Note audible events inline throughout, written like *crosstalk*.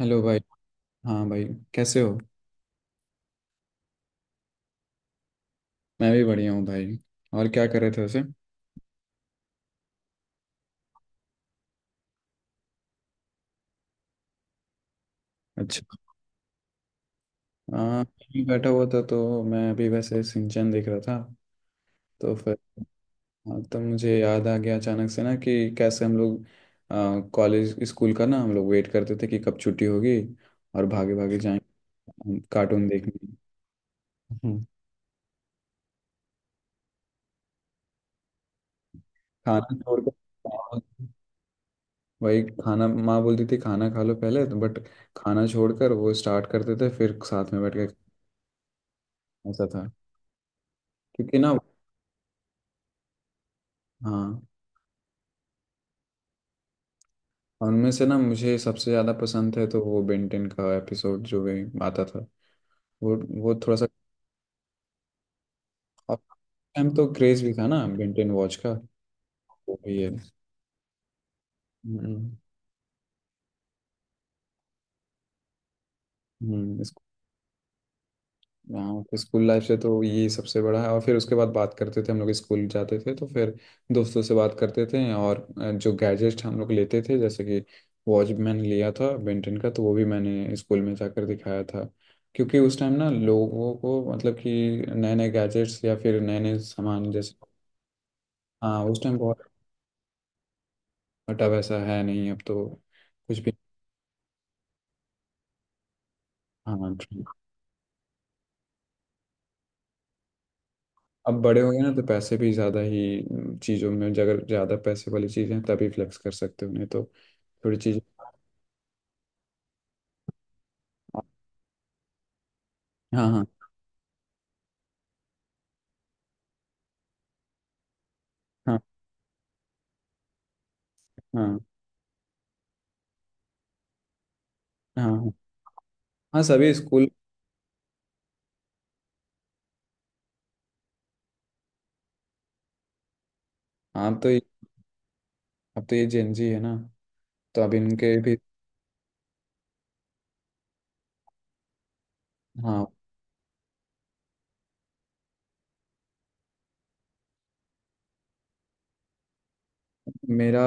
Hello भाई। हाँ भाई, कैसे हो? मैं भी बढ़िया हूँ भाई। और क्या कर रहे थे वैसे? अच्छा। हाँ, मैं बैठा हुआ था तो मैं अभी वैसे सिंचन देख रहा था। तो फिर हाँ, तब मुझे याद आ गया अचानक से ना कि कैसे हम लोग कॉलेज स्कूल का ना हम लोग वेट करते थे कि कब छुट्टी होगी और भागे भागे जाएंगे कार्टून देखने। हम्म। खाना छोड़कर वही खाना, माँ बोलती थी खाना खा लो पहले, तो बट खाना छोड़कर वो स्टार्ट करते थे फिर साथ में बैठ के। ऐसा था क्योंकि ना। हाँ, उनमें से ना मुझे सबसे ज़्यादा पसंद है तो वो बेंटेन का एपिसोड जो भी आता था, वो वो थोड़ा सा। अब टाइम तो क्रेज भी था ना बेंटेन वॉच का, वो भी है। हम्म हम्म। हाँ, तो स्कूल लाइफ से तो ये सबसे बड़ा है। और फिर उसके बाद बात करते थे, हम लोग स्कूल जाते थे तो फिर दोस्तों से बात करते थे। और जो गैजेट हम लोग लेते थे जैसे कि वॉच मैंने लिया था बेंटन का, तो वो भी मैंने स्कूल में जाकर दिखाया था। क्योंकि उस टाइम ना लोगों को मतलब कि नए नए गैजेट्स या फिर नए नए सामान जैसे। हाँ, उस टाइम बहुत। बटा वैसा है नहीं अब तो। कुछ भी। हाँ, ठीक। अब बड़े हो गए ना तो पैसे भी ज़्यादा ही चीज़ों में जगह, ज़्यादा पैसे वाली चीज़ें तभी फ्लेक्स कर सकते हो, नहीं तो थोड़ी चीज। हाँ हाँ। हाँ हाँ। हाँ हाँ। हाँ, सभी स्कूल। हाँ तो ये- अब तो ये जेन जी है ना, तो अब इनके भी। हाँ। मेरा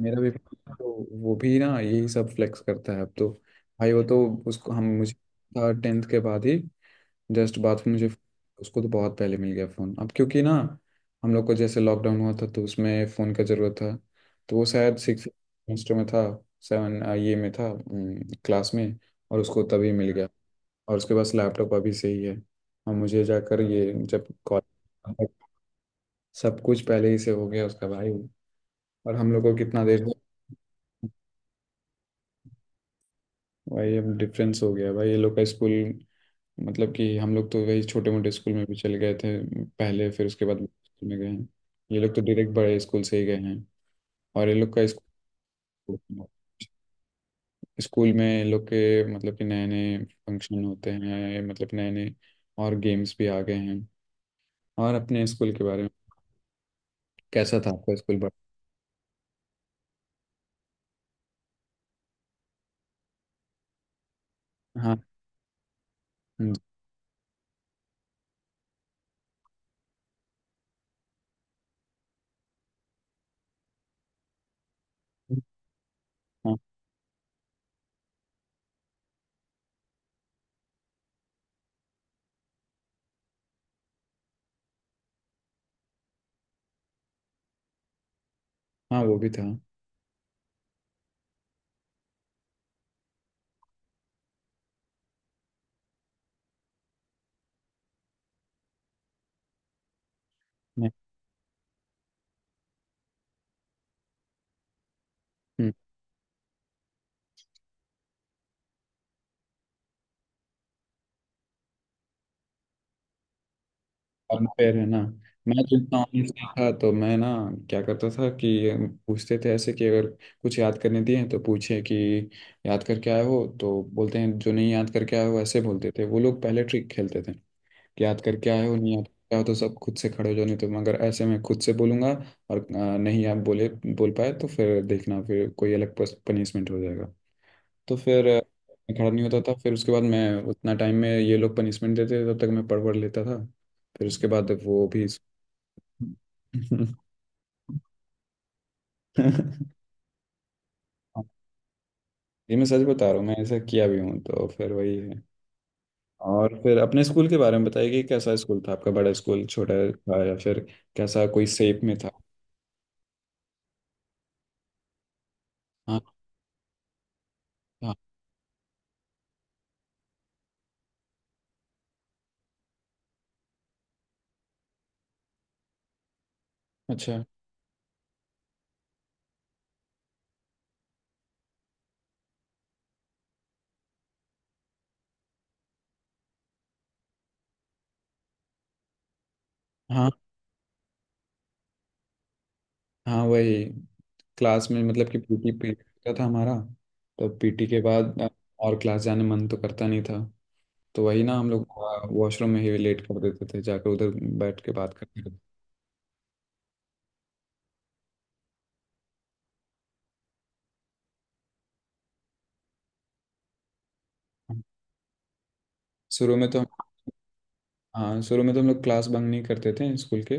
मेरा भी तो वो भी ना यही सब फ्लेक्स करता है अब तो भाई। वो तो उसको हम मुझे था टेंथ के बाद ही, जस्ट बाद में मुझे। उसको तो बहुत पहले मिल गया फ़ोन अब, क्योंकि ना हम लोग को जैसे लॉकडाउन हुआ था तो उसमें फ़ोन का ज़रूरत था। तो वो शायद सिक्स सेमेस्टर में था, सेवन ये में था क्लास में, और उसको तभी मिल गया। और उसके पास लैपटॉप अभी से ही है। और मुझे जाकर ये जब कॉलेज। सब कुछ पहले ही से हो गया उसका भाई, और हम लोग को कितना देर से- भाई, अब डिफरेंस हो गया भाई ये लोग का स्कूल। मतलब कि हम लोग तो वही छोटे मोटे स्कूल में भी चले गए थे पहले, फिर उसके बाद स्कूल में गए हैं। ये लोग तो डायरेक्ट बड़े स्कूल से ही गए हैं। और ये लोग का स्कूल, स्कूल में ये लोग के मतलब कि नए नए फंक्शन होते हैं, मतलब नए नए। और गेम्स भी आ गए हैं। और अपने स्कूल के बारे में, कैसा था आपका स्कूल? बट। हम्म। हाँ हाँ, वो भी था। मैं। हम्म। unfair है ना। मैं जितना honest था, तो मैं ना क्या करता था कि पूछते थे ऐसे कि अगर कुछ याद करने दिए तो पूछे कि याद करके आए हो, तो बोलते हैं जो नहीं याद करके आए हो, ऐसे बोलते थे वो लोग, पहले ट्रिक खेलते थे कि याद करके आए हो नहीं याद करके आए हो तो सब खुद से खड़े हो जाओ, नहीं तो मगर ऐसे मैं खुद से बोलूंगा। और नहीं आप बोले, बोल पाए तो फिर देखना फिर कोई अलग पनिशमेंट हो जाएगा। तो फिर मैं खड़ा नहीं होता था, फिर उसके बाद मैं उतना टाइम में ये लोग पनिशमेंट देते थे तब तक मैं पढ़ पढ़ लेता था। फिर उसके बाद वो भी। *laughs* ये मैं सच बता रहा हूँ, मैं ऐसा किया भी हूँ, तो फिर वही है। और फिर अपने स्कूल के बारे में बताइए कि कैसा स्कूल था आपका, बड़ा स्कूल छोटा था या फिर कैसा, कोई सेप में था? हाँ। हाँ। अच्छा। हाँ। हाँ वही। क्लास में मतलब कि पीटी पीरियड होता था हमारा। तो पीटी के बाद और क्लास जाने मन तो करता नहीं था। तो वही ना हम लोग वॉशरूम में ही लेट कर देते थे जाकर, उधर बैठ के बात करते थे। शुरू में तो हम। हाँ, शुरू में तो हम लोग क्लास बंक नहीं करते थे स्कूल के।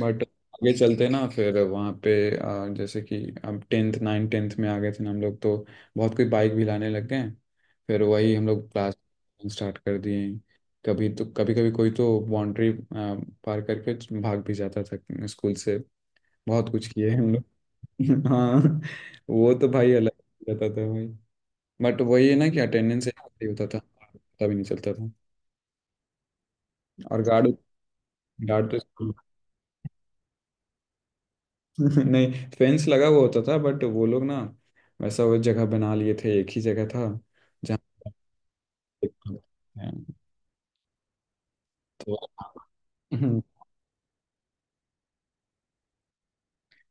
बट आगे चलते ना फिर वहाँ पे जैसे कि अब टेंथ, नाइन टेंथ में आ गए थे ना हम लोग, तो बहुत कोई बाइक भी लाने लग गए। फिर वही हम लोग क्लास स्टार्ट कर दिए। कभी तो कभी कभी कोई तो बाउंड्री पार करके भाग भी जाता था स्कूल से। बहुत कुछ किए हैं हम लोग। *laughs* हाँ, वो तो भाई अलग रहता था भाई। बट वही है ना कि अटेंडेंस ही होता था, पता भी नहीं चलता था। और गार्ड, गार्ड तो स्कूल। *laughs* नहीं, फेंस लगा हुआ होता था बट वो लोग ना वैसा, वो जगह बना लिए थे एक ही जगह था जहाँ। तो *laughs* हम्म,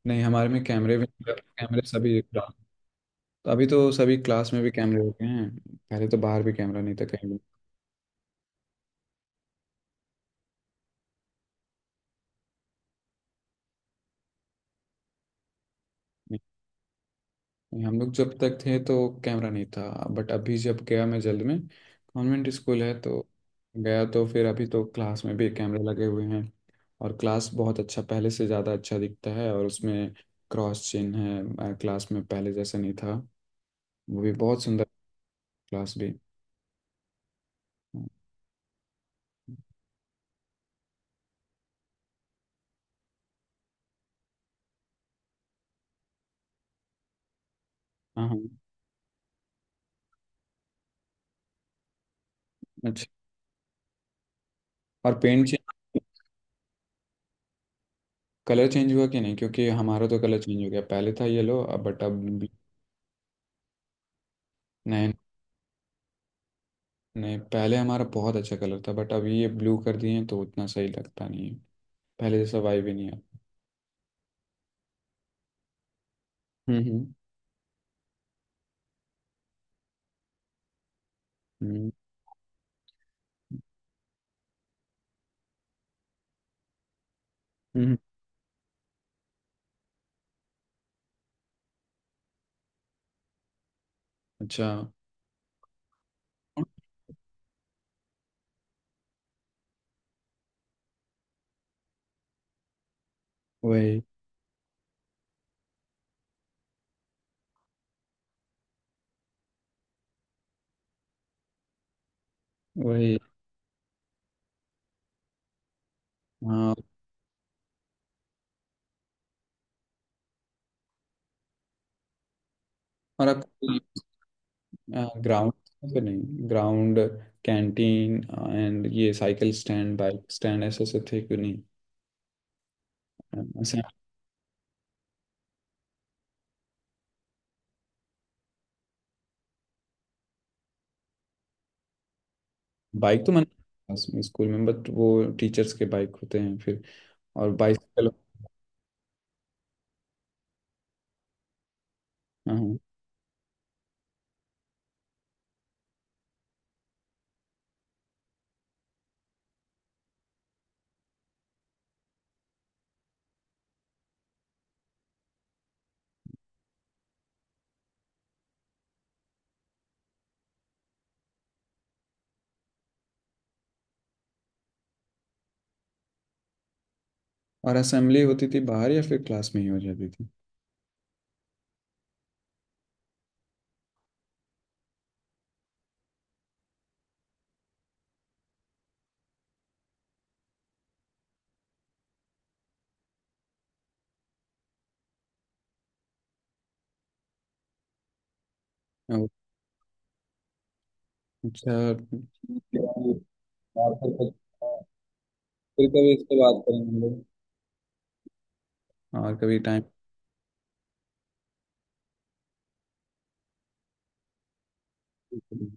नहीं हमारे में कैमरे, भी कैमरे सभी। अभी तो सभी क्लास में भी कैमरे हो गए हैं, पहले तो बाहर भी कैमरा नहीं था कहीं भी। हम लोग जब तक थे तो कैमरा नहीं था। बट अभी जब गया मैं जल्द में, कॉन्वेंट स्कूल है तो गया, तो फिर अभी तो क्लास में भी कैमरे लगे हुए हैं। और क्लास बहुत अच्छा, पहले से ज़्यादा अच्छा दिखता है। और उसमें क्रॉस चिन्ह है क्लास में, पहले जैसा नहीं था। वो भी बहुत सुंदर क्लास भी। हाँ हाँ। अच्छा, और पेंट चेंज, कलर चेंज हुआ कि नहीं? क्योंकि हमारा तो कलर चेंज हो गया, पहले था येलो बट अब नए। नहीं, पहले हमारा बहुत अच्छा कलर था बट अभी ये ब्लू कर दिए हैं तो उतना सही लगता नहीं है। पहले जैसा वाइब ही नहीं आता। हम्म हम्म हम्म, हम्म। अच्छा। वही। वही। हाँ। और आपका ग्राउंड, फिर नहीं ग्राउंड, कैंटीन एंड ये साइकिल स्टैंड बाइक स्टैंड ऐसे ऐसे थे क्यों नहीं? ऐसे। बाइक तो मैंने स्कूल में, बट वो टीचर्स के बाइक होते हैं फिर। और बाइसाइकिल। हाँ हाँ। और असेंबली होती थी बाहर या फिर क्लास में ही हो जाती थी? अच्छा। और फिर कभी इस पे बात करेंगे हम लोग। और कभी टाइम।